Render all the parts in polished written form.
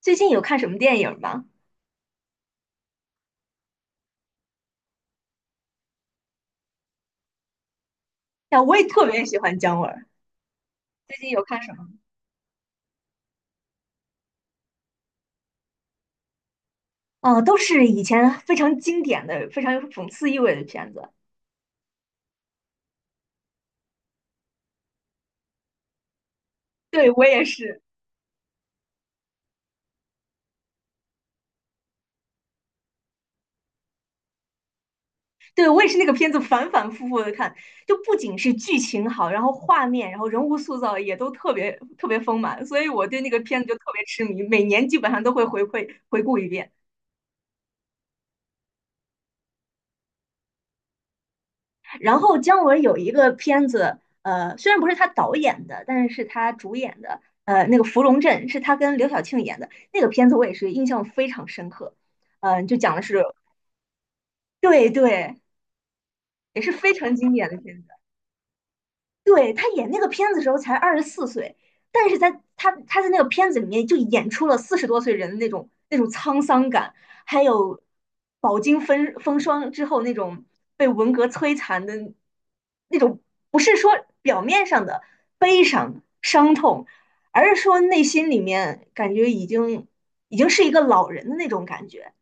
最近有看什么电影吗？呀，我也特别喜欢姜文儿。最近有看什么？哦，都是以前非常经典的、非常有讽刺意味的片子。对，我也是。对，我也是那个片子反反复复的看，就不仅是剧情好，然后画面，然后人物塑造也都特别特别丰满，所以我对那个片子就特别痴迷，每年基本上都会回顾一遍。然后姜文有一个片子，虽然不是他导演的，但是是他主演的，那个《芙蓉镇》是他跟刘晓庆演的那个片子，我也是印象非常深刻。就讲的是。对对，也是非常经典的片子。对，他演那个片子的时候才24岁，但是他在那个片子里面就演出了40多岁人的那种沧桑感，还有饱经风霜之后那种被文革摧残的那种，不是说表面上的伤痛，而是说内心里面感觉已经是一个老人的那种感觉。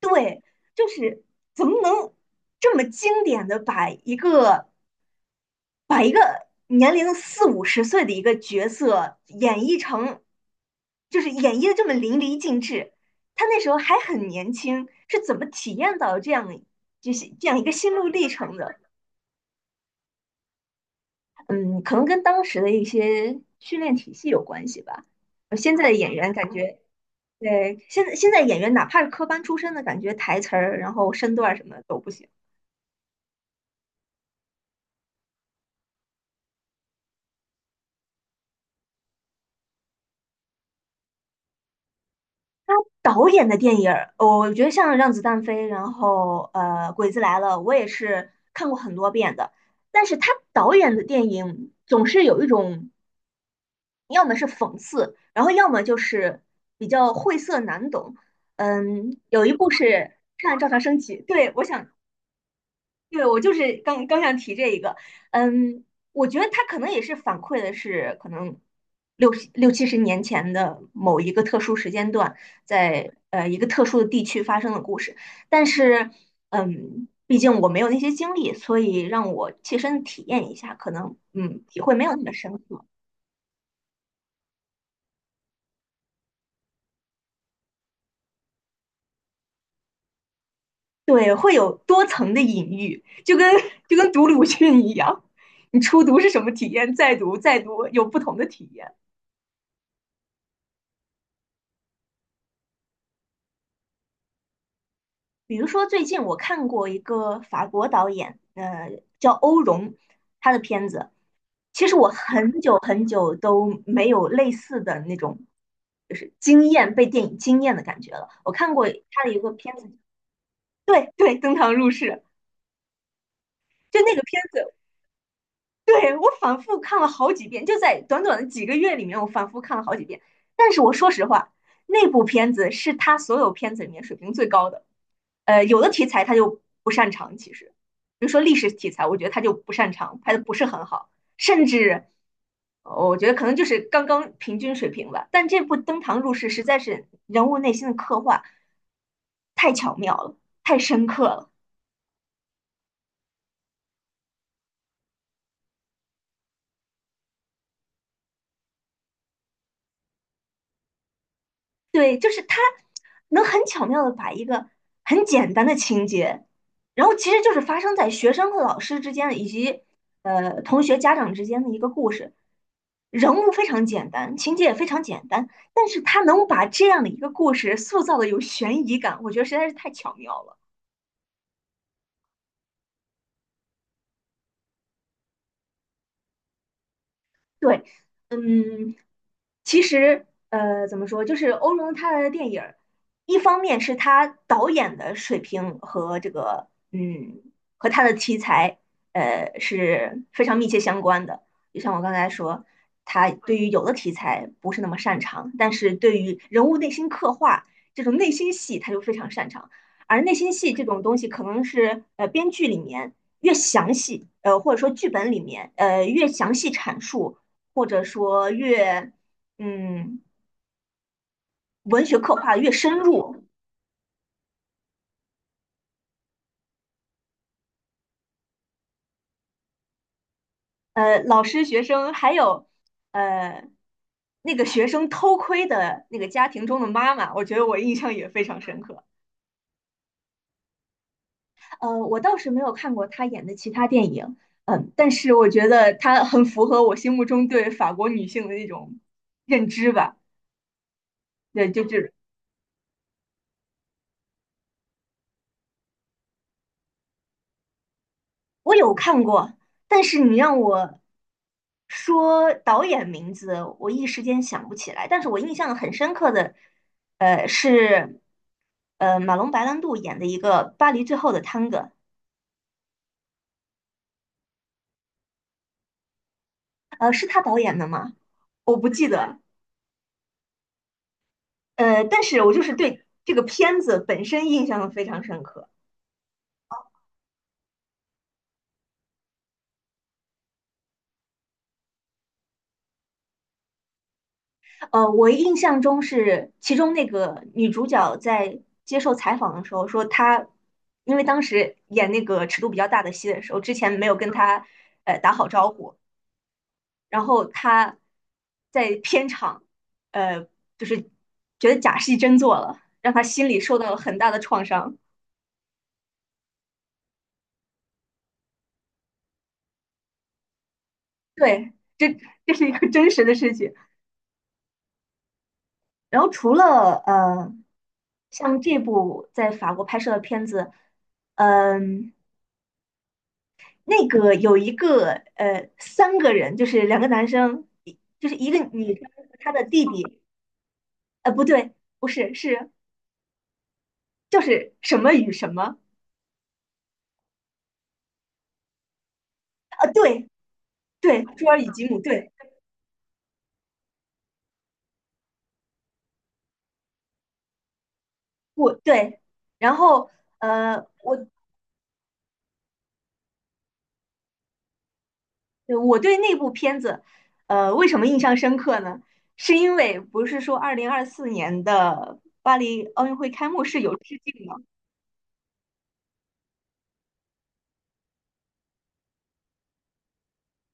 对，就是怎么能这么经典的把一个年龄四五十岁的一个角色演绎成，就是演绎的这么淋漓尽致。他那时候还很年轻，是怎么体验到这样一个心路历程的？嗯，可能跟当时的一些训练体系有关系吧。现在的演员感觉，对，现在演员哪怕是科班出身的，感觉台词儿，然后身段儿什么都不行。他导演的电影儿，我觉得像《让子弹飞》，然后《鬼子来了》，我也是看过很多遍的。但是他导演的电影总是有一种，要么是讽刺，然后要么就是比较晦涩难懂。嗯，有一部是《看照常升起》。对，我就是刚刚想提这一个。嗯，我觉得他可能也是反馈的是可能六十六七十年前的某一个特殊时间段，在一个特殊的地区发生的故事，但是毕竟我没有那些经历，所以让我切身体验一下，可能体会没有那么深刻。对，会有多层的隐喻，就跟 就跟读鲁迅一样，你初读是什么体验，再读再读有不同的体验。比如说，最近我看过一个法国导演，叫欧容，他的片子。其实我很久很久都没有类似的那种，就是被电影惊艳的感觉了。我看过他的一个片子。对对，《登堂入室》就那个片子，对我反复看了好几遍，就在短短的几个月里面，我反复看了好几遍。但是我说实话，那部片子是他所有片子里面水平最高的。有的题材他就不擅长，其实，比如说历史题材，我觉得他就不擅长，拍的不是很好，甚至我觉得可能就是刚刚平均水平吧。但这部《登堂入室》实在是人物内心的刻画太巧妙了，太深刻了。对，就是他能很巧妙的把一个很简单的情节，然后其实就是发生在学生和老师之间的，以及同学家长之间的一个故事。人物非常简单，情节也非常简单，但是他能把这样的一个故事塑造的有悬疑感，我觉得实在是太巧妙了。对。嗯，其实，怎么说，就是欧龙他的电影儿，一方面是他导演的水平和这个，和他的题材，是非常密切相关的。就像我刚才说，他对于有的题材不是那么擅长，但是对于人物内心刻画这种内心戏，他就非常擅长。而内心戏这种东西，可能是编剧里面越详细，或者说剧本里面越详细阐述，或者说越嗯，文学刻画得越深入。老师、学生还有呃那个学生偷窥的那个家庭中的妈妈，我觉得我印象也非常深刻。我倒是没有看过她演的其他电影。嗯，但是我觉得她很符合我心目中对法国女性的那种认知吧。对，就是我有看过，但是你让我说导演名字，我一时间想不起来。但是我印象很深刻的，是马龙白兰度演的一个《巴黎最后的探戈》。是他导演的吗？我不记得。但是我就是对这个片子本身印象非常深刻。我印象中是其中那个女主角在接受采访的时候说她，因为当时演那个尺度比较大的戏的时候，之前没有跟她打好招呼，然后她在片场呃就是觉得假戏真做了，让她心里受到了很大的创伤。对，这这是一个真实的事情。然后除了像这部在法国拍摄的片子，嗯、那个有一个三个人，就是两个男生，一就是一个女生，她的弟弟，不对，不是就是什么与什么。啊？对对，朱尔与吉姆。对我对，然后呃我我对那部片子为什么印象深刻呢？是因为不是说2024年的巴黎奥运会开幕式有致敬吗？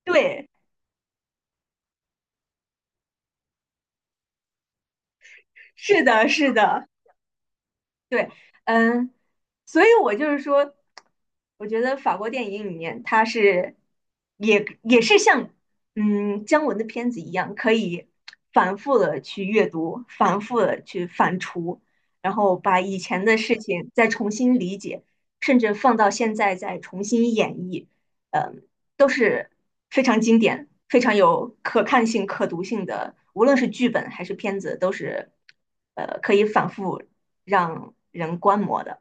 对，是的，是的。对。嗯，所以我就是说，我觉得法国电影里面，它是也是像姜文的片子一样，可以反复的去阅读，反复的去反刍，然后把以前的事情再重新理解，甚至放到现在再重新演绎。嗯，都是非常经典、非常有可看性、可读性的，无论是剧本还是片子，都是可以反复。让人观摩的。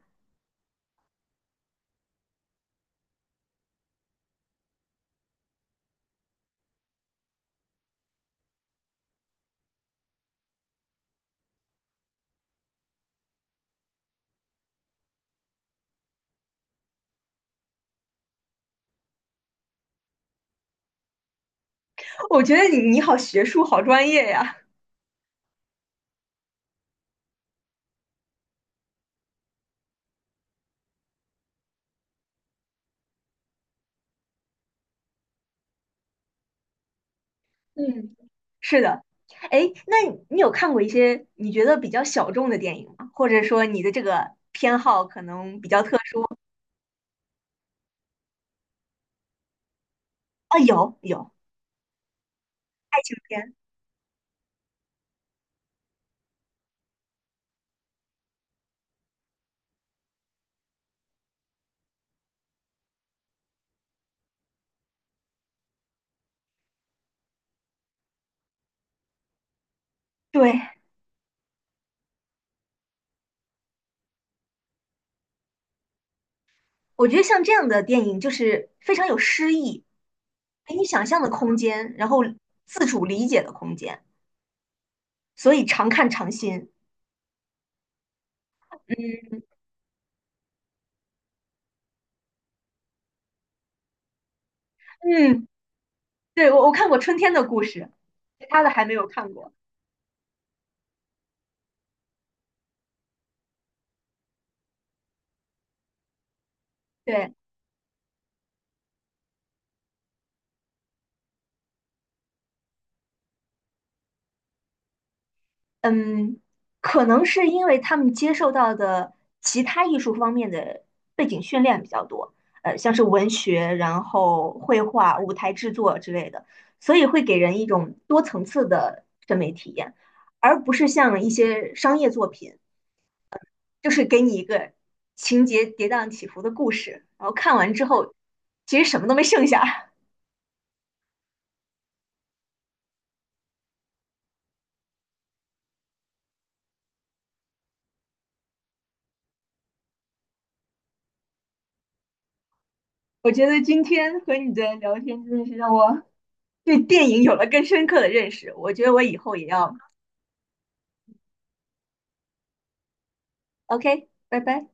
我觉得你好学术，好专业呀。嗯。是的。哎，那你有看过一些你觉得比较小众的电影吗？或者说你的这个偏好可能比较特殊？啊？有有，偏。对，我觉得像这样的电影就是非常有诗意，给你想象的空间，然后自主理解的空间，所以常看常新。嗯嗯，对，我看过《春天的故事》，其他的还没有看过。对。嗯，可能是因为他们接受到的其他艺术方面的背景训练比较多，像是文学，然后绘画、舞台制作之类的，所以会给人一种多层次的审美体验，而不是像一些商业作品，就是给你一个情节跌宕起伏的故事，然后看完之后，其实什么都没剩下。我觉得今天和你的聊天真的是让我对电影有了更深刻的认识，我觉得我以后也要。OK，拜拜。